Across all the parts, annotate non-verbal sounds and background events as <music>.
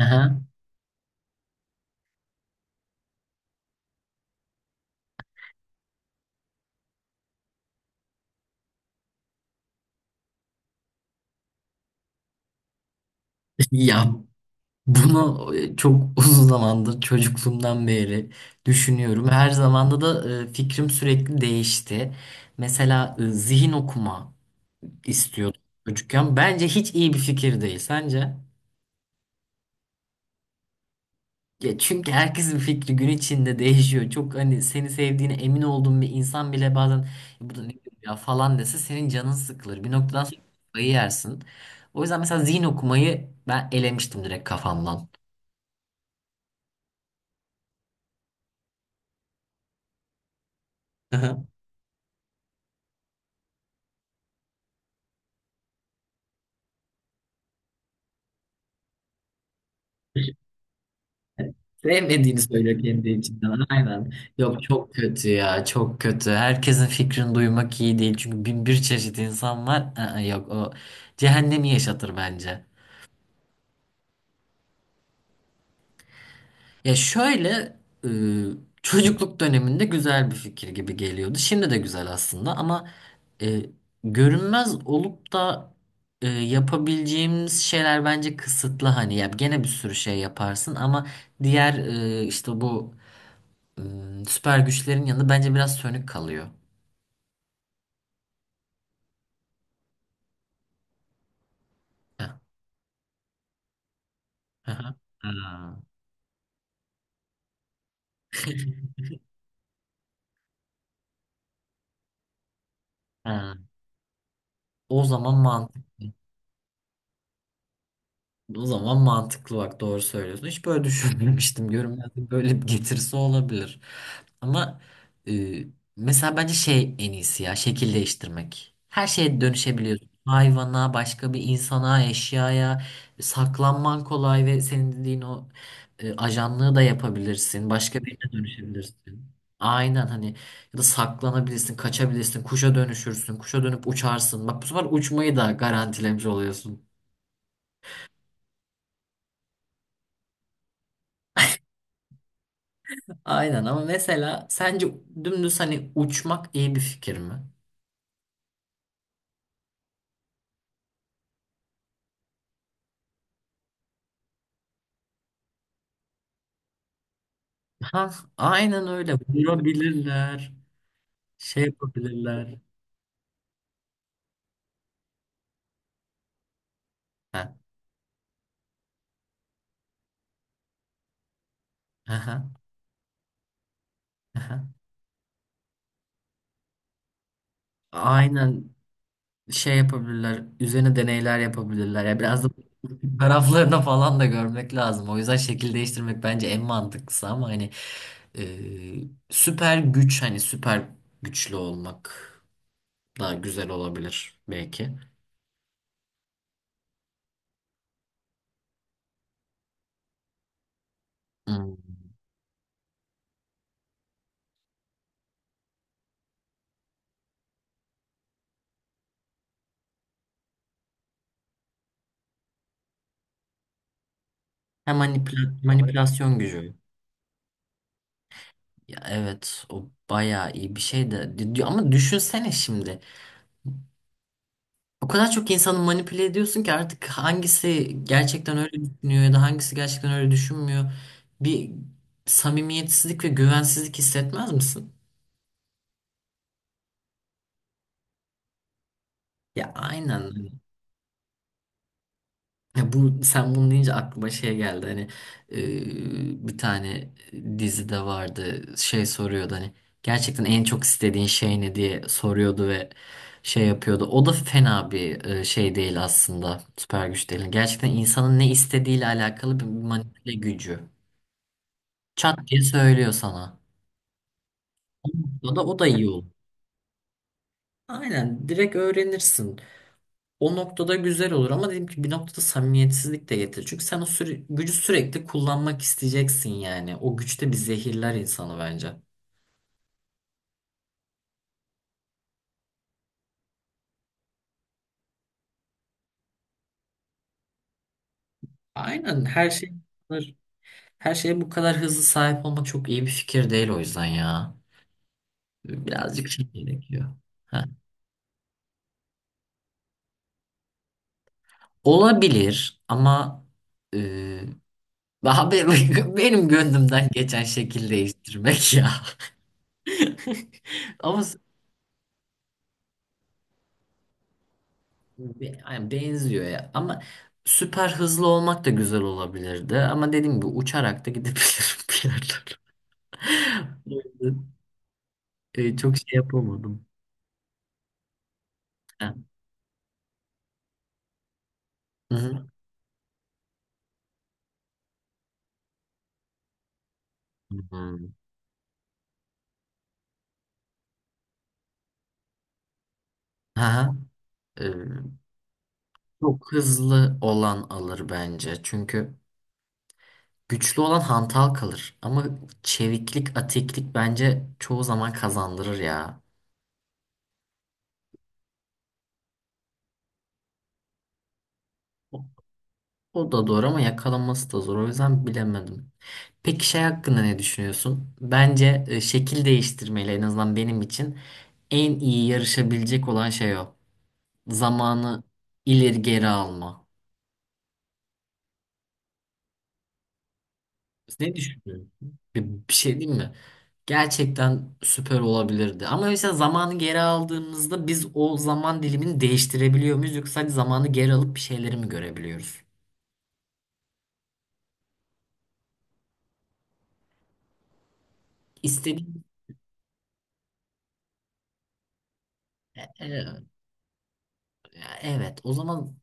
Aha. Ya bunu çok uzun zamandır çocukluğumdan beri düşünüyorum. Her zamanda da fikrim sürekli değişti. Mesela zihin okuma istiyordum çocukken. Bence hiç iyi bir fikir değil. Sence? Ya çünkü herkesin fikri gün içinde değişiyor. Çok hani seni sevdiğine emin olduğun bir insan bile bazen bu da ne diyor ya falan dese senin canın sıkılır. Bir noktadan sonra kafayı yersin. O yüzden mesela zihin okumayı ben elemiştim direkt kafamdan. Sevmediğini söylüyor kendi içinden. Aynen. Yok, çok kötü ya. Çok kötü. Herkesin fikrini duymak iyi değil. Çünkü bin bir çeşit insan var. Aa, yok, o cehennemi yaşatır bence. Ya şöyle e, çocukluk döneminde güzel bir fikir gibi geliyordu. Şimdi de güzel aslında ama e, görünmez olup da yapabileceğimiz şeyler bence kısıtlı. Hani ya gene bir sürü şey yaparsın ama diğer işte bu süper güçlerin yanında bence biraz sönük kalıyor. Heh, hı hı. Ha, ha. O zaman mantıklı. O zaman mantıklı, bak doğru söylüyorsun. Hiç böyle <laughs> düşünmemiştim. Görünmezlik böyle bir getirisi olabilir. Ama e, mesela bence şey en iyisi ya şekil değiştirmek. Her şeye dönüşebiliyorsun. Hayvana, başka bir insana, eşyaya saklanman kolay ve senin dediğin o ajanlığı da yapabilirsin. Başka birine dönüşebilirsin. Aynen hani ya da saklanabilirsin, kaçabilirsin, kuşa dönüşürsün, kuşa dönüp uçarsın. Bak bu sefer uçmayı da garantilemiş oluyorsun. Aynen ama mesela sence dümdüz hani uçmak iyi bir fikir mi? Ha, aynen öyle. Vurabilirler. Şey yapabilirler. Ha, aha, aha. Aynen, şey yapabilirler. Üzerine deneyler yapabilirler. Ya biraz da taraflarına falan da görmek lazım. O yüzden şekil değiştirmek bence en mantıklısı ama hani e, süper güç hani süper güçlü olmak daha güzel olabilir belki. Hmm. Hem manipülasyon gücü. Ya evet, o bayağı iyi bir şey de ama düşünsene şimdi. O kadar çok insanı manipüle ediyorsun ki artık hangisi gerçekten öyle düşünüyor ya da hangisi gerçekten öyle düşünmüyor. Bir samimiyetsizlik ve güvensizlik hissetmez misin? Ya aynen. Ya bu sen bunu deyince aklıma şey geldi hani bir tane dizide vardı şey soruyordu hani gerçekten en çok istediğin şey ne diye soruyordu ve şey yapıyordu. O da fena bir şey değil aslında, süper güç değil. Yani gerçekten insanın ne istediğiyle alakalı bir manipüle gücü. Çat diye söylüyor sana. O da, o da iyi olur. Aynen, direkt öğrenirsin. O noktada güzel olur ama dedim ki bir noktada samimiyetsizlik de getirir. Çünkü sen gücü sürekli kullanmak isteyeceksin yani. O güçte bir zehirler insanı bence. Aynen, her şey her şeye bu kadar hızlı sahip olmak çok iyi bir fikir değil o yüzden ya. Birazcık şey gerekiyor. Ha. Olabilir ama e, daha <laughs> benim gönlümden geçen şekil değiştirmek ya. <laughs> Ama Be- yani benziyor ya. Ama süper hızlı olmak da güzel olabilirdi. Ama dediğim gibi uçarak da gidebilirim <laughs> bir yerlere. <laughs> O yüzden, çok şey yapamadım. Ha. Hı hı. Hı. Aha. E, çok hızlı olan alır bence. Çünkü güçlü olan hantal kalır. Ama çeviklik, atiklik bence çoğu zaman kazandırır ya. O da doğru ama yakalanması da zor. O yüzden bilemedim. Peki şey hakkında ne düşünüyorsun? Bence şekil değiştirmeyle en azından benim için en iyi yarışabilecek olan şey o. Zamanı ileri geri alma. Ne düşünüyorsun? Bir şey diyeyim mi? Gerçekten süper olabilirdi. Ama mesela zamanı geri aldığımızda biz o zaman dilimini değiştirebiliyor muyuz? Yoksa sadece zamanı geri alıp bir şeyleri mi görebiliyoruz? İstediğim... E, evet, o zaman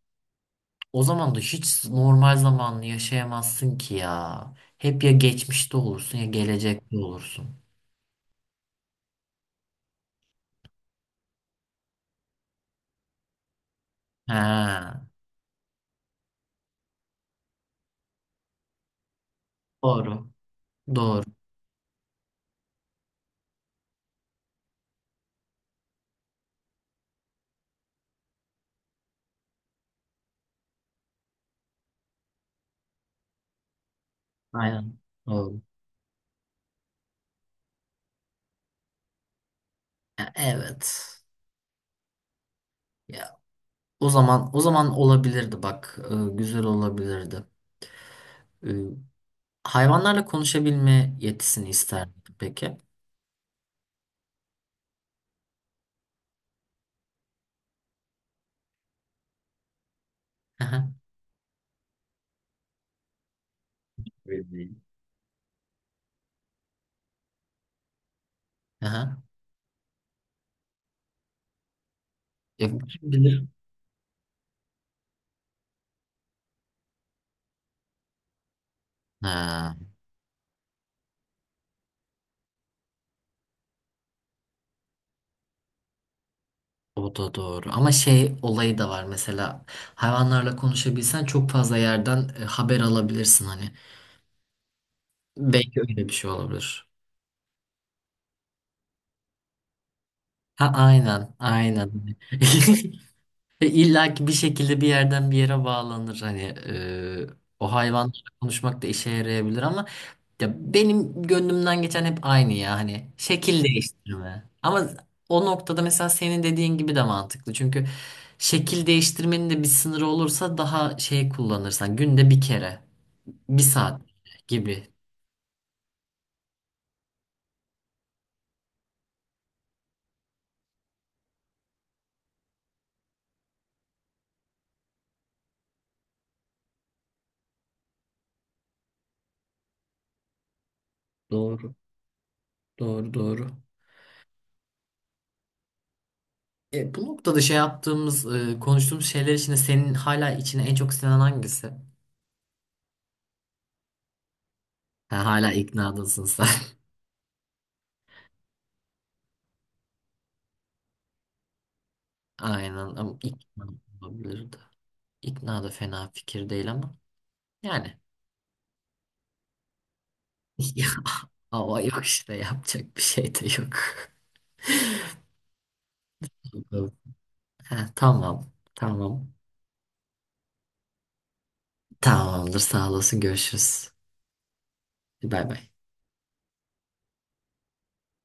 O zaman da hiç normal zamanlı yaşayamazsın ki ya. Hep ya geçmişte olursun ya gelecekte olursun. Ha, doğru. Doğru. Aynen. Doğru. Ya, evet. Ya o zaman olabilirdi bak. Güzel olabilirdi. Ee, hayvanlarla konuşabilme yetisini isterdim peki. Aha. Bilmiyorum. Aha. Ya, kim bilir? Ha. O da doğru. Ama şey olayı da var mesela hayvanlarla konuşabilsen çok fazla yerden haber alabilirsin hani. Belki öyle bir şey olabilir. Ha, aynen, aynen. <laughs> İlla ki bir şekilde bir yerden bir yere bağlanır hani o hayvanlarla konuşmak da işe yarayabilir ama ya benim gönlümden geçen hep aynı ya hani şekil değiştirme. Ama o noktada mesela senin dediğin gibi de mantıklı. Çünkü şekil değiştirmenin de bir sınırı olursa daha şey kullanırsan günde bir kere, bir saat gibi. Doğru, doğru, doğru. Bu noktada konuştuğumuz şeyler içinde senin hala içine en çok sinen hangisi? Ha, hala iknadasın sen. <laughs> Aynen ama ikna olabilir de. İkna da fena fikir değil ama yani. <laughs> Ama yok işte, yapacak bir şey de yok. <laughs> Ha, tamam. Tamam. Tamamdır. Sağ olasın. Görüşürüz. Bay bay.